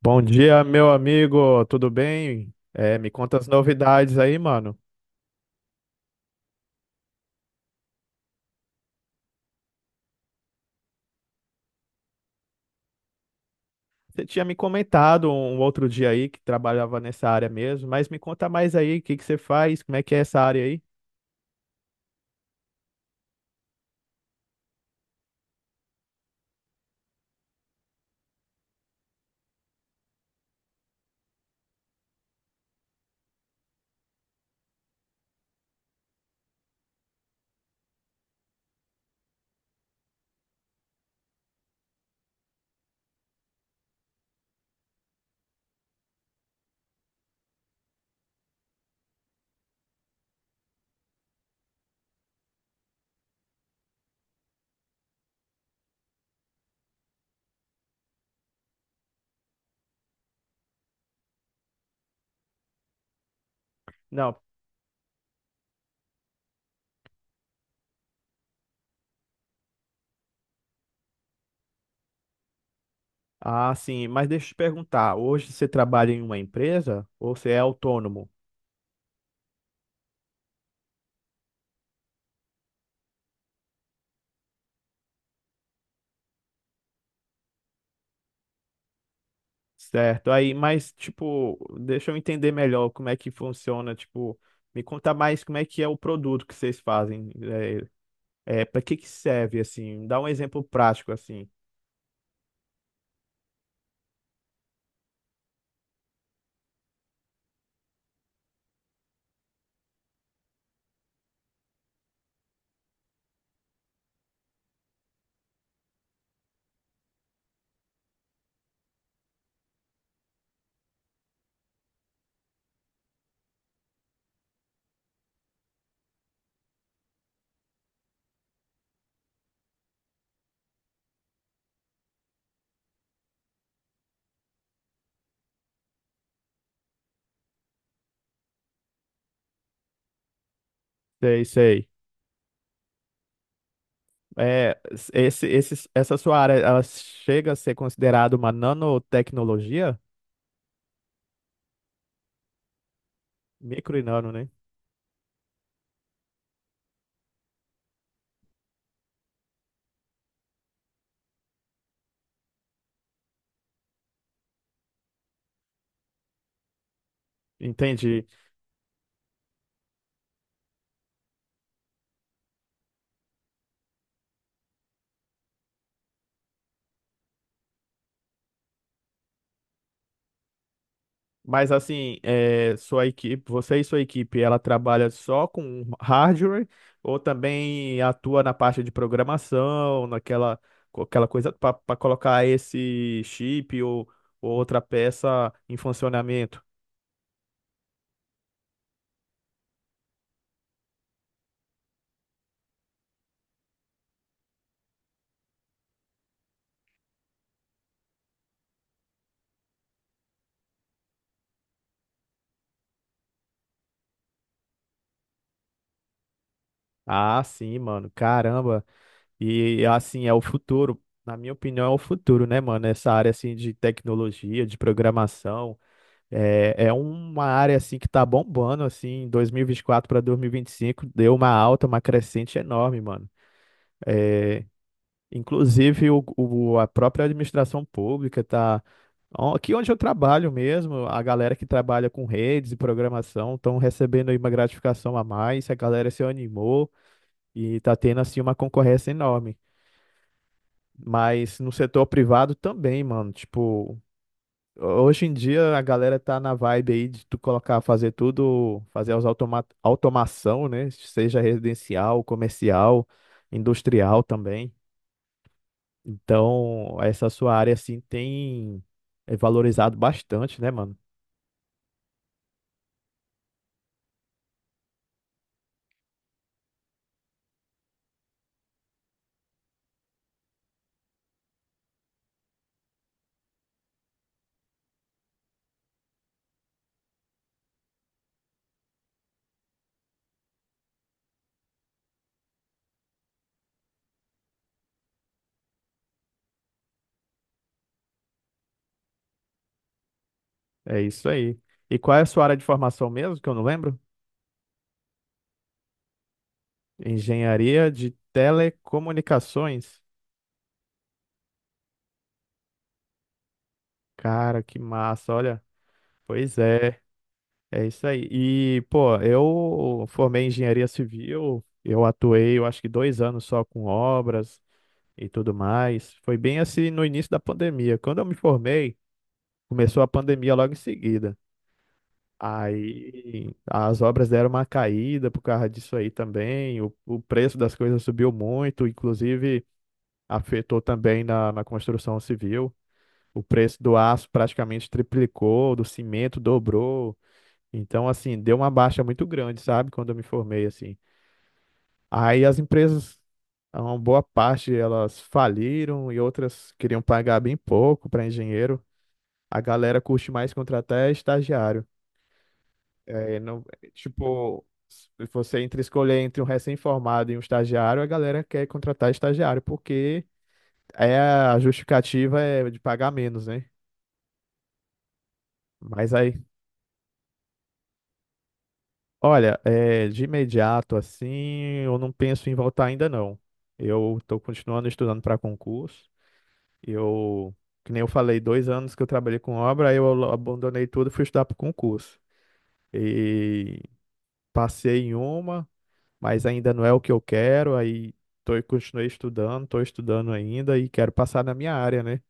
Bom dia, meu amigo, tudo bem? Me conta as novidades aí, mano. Você tinha me comentado um outro dia aí que trabalhava nessa área mesmo, mas me conta mais aí, o que que você faz, como é que é essa área aí? Não, ah, sim, mas deixa eu te perguntar, hoje você trabalha em uma empresa ou você é autônomo? Certo, aí, mas tipo, deixa eu entender melhor como é que funciona, tipo, me conta mais como é que é o produto que vocês fazem, para que que serve, assim, dá um exemplo prático, assim. Sei, sei. É, essa sua área, ela chega a ser considerada uma nanotecnologia? Micro e nano, né? Entendi. Mas assim, é, você e sua equipe, ela trabalha só com hardware ou também atua na parte de programação, aquela coisa para colocar esse chip ou outra peça em funcionamento? Ah, sim, mano. Caramba. E assim, na minha opinião, é o futuro, né, mano? Essa área assim de tecnologia, de programação, é uma área assim que tá bombando assim, em 2024 para 2025, deu uma alta, uma crescente enorme, mano. É, inclusive a própria administração pública tá. Ó, aqui onde eu trabalho mesmo, a galera que trabalha com redes e programação estão recebendo aí uma gratificação a mais, a galera se animou e tá tendo assim uma concorrência enorme. Mas no setor privado também, mano. Tipo, hoje em dia a galera tá na vibe aí de tu colocar, fazer tudo, fazer as automação, né? Seja residencial, comercial, industrial também. Então, essa sua área assim tem é valorizado bastante, né, mano? É isso aí. E qual é a sua área de formação mesmo, que eu não lembro? Engenharia de telecomunicações. Cara, que massa, olha. Pois é. É isso aí. E, pô, eu formei em engenharia civil, eu atuei, eu acho que dois anos só com obras e tudo mais. Foi bem assim no início da pandemia. Quando eu me formei, começou a pandemia logo em seguida. Aí as obras deram uma caída por causa disso aí também. O preço das coisas subiu muito, inclusive afetou também na construção civil. O preço do aço praticamente triplicou, do cimento dobrou. Então, assim, deu uma baixa muito grande, sabe? Quando eu me formei, assim. Aí as empresas, ah, uma boa parte elas faliram e outras queriam pagar bem pouco para engenheiro. A galera curte mais contratar é estagiário. É, não, tipo, se você entre escolher entre um recém-formado e um estagiário, a galera quer contratar estagiário, porque a justificativa é de pagar menos, né? Mas aí. Olha, é, de imediato assim, eu não penso em voltar ainda não. Eu estou continuando estudando para concurso. Eu, que nem eu falei, dois anos que eu trabalhei com obra, aí eu abandonei tudo e fui estudar para concurso. E passei em uma, mas ainda não é o que eu quero. Aí tô, e continuei estudando, estou estudando ainda e quero passar na minha área, né?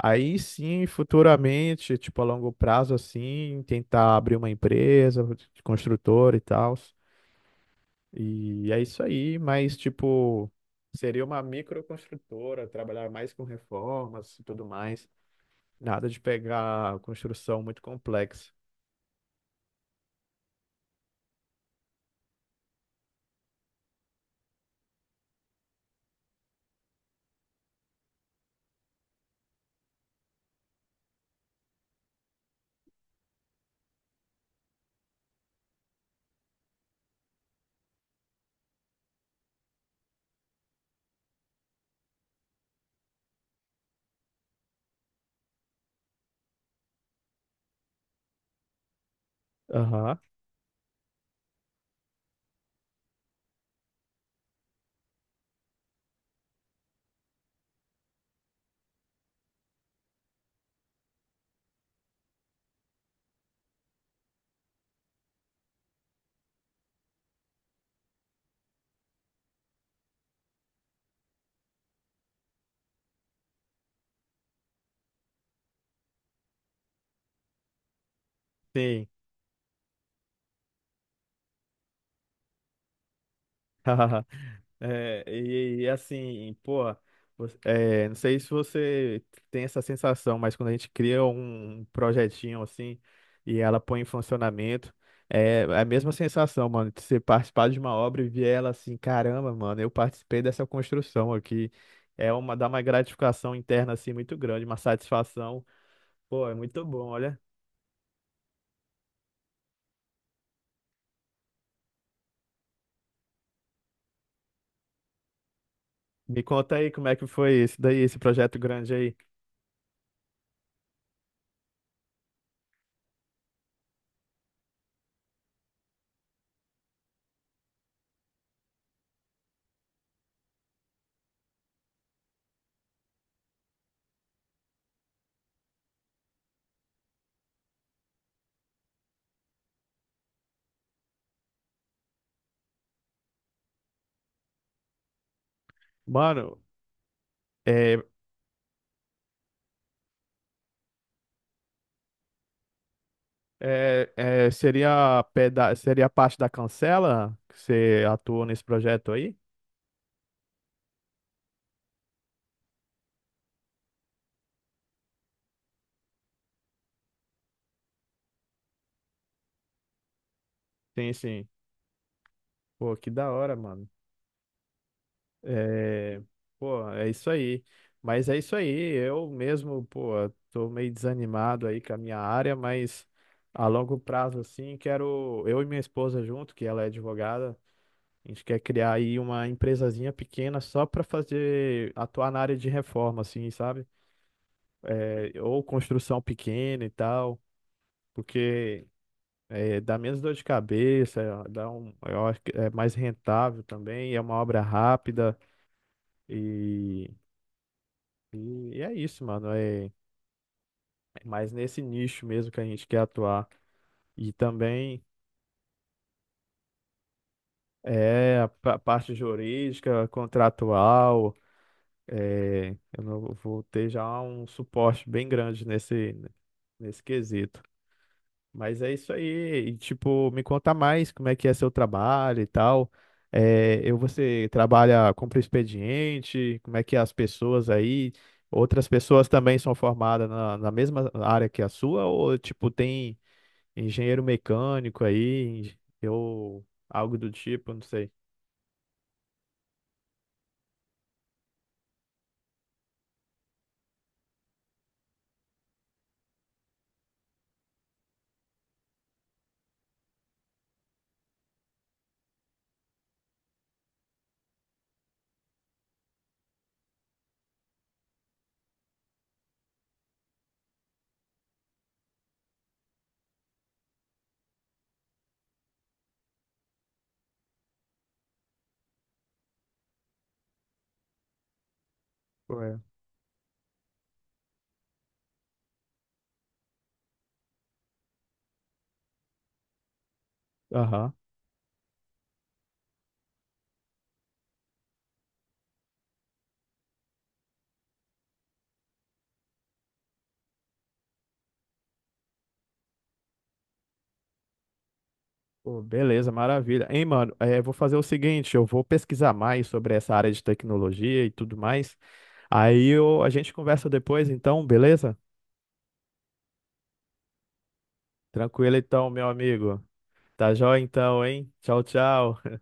Aí sim, futuramente, tipo a longo prazo assim, tentar abrir uma empresa de construtor e tal. E é isso aí, mas tipo, seria uma microconstrutora, trabalhar mais com reformas e tudo mais. Nada de pegar construção muito complexa. Aham. Sim. É, e assim, pô, você- é, não sei se você tem essa sensação, mas quando a gente cria um projetinho assim e ela põe em funcionamento, é a mesma sensação, mano, de você participar de uma obra e ver ela assim, caramba, mano, eu participei dessa construção aqui. É uma, dá uma gratificação interna assim muito grande, uma satisfação. Pô, é muito bom, olha. Me conta aí como é que foi esse daí, esse projeto grande aí. Mano, é. É, é, seria, peda seria parte da Cancela que você atuou nesse projeto aí? Sim, sim. Pô, que da hora, mano. É, pô, é isso aí. Mas é isso aí. Eu mesmo, pô, tô meio desanimado aí com a minha área, mas a longo prazo, assim, quero. Eu e minha esposa junto, que ela é advogada, a gente quer criar aí uma empresazinha pequena só pra fazer, atuar na área de reforma, assim, sabe? É, ou construção pequena e tal. Porque é, dá menos dor de cabeça, é, dá um, eu acho que é mais rentável também, é uma obra rápida e, e é isso, mano. É, é mais nesse nicho mesmo que a gente quer atuar. E também é a parte jurídica, contratual, é, eu vou ter já um suporte bem grande nesse, nesse quesito. Mas é isso aí. E, tipo, me conta mais como é que é seu trabalho e tal. É, eu, você trabalha, cumpre o expediente, como é que é as pessoas aí? Outras pessoas também são formadas na mesma área que a sua? Ou, tipo, tem engenheiro mecânico aí, ou algo do tipo, não sei. Ué. Aham. Pô, beleza, maravilha. Hein, mano, é, vou fazer o seguinte, eu vou pesquisar mais sobre essa área de tecnologia e tudo mais. Aí eu, a gente conversa depois, então, beleza? Tranquilo então, meu amigo. Tá jóia então, hein? Tchau, tchau.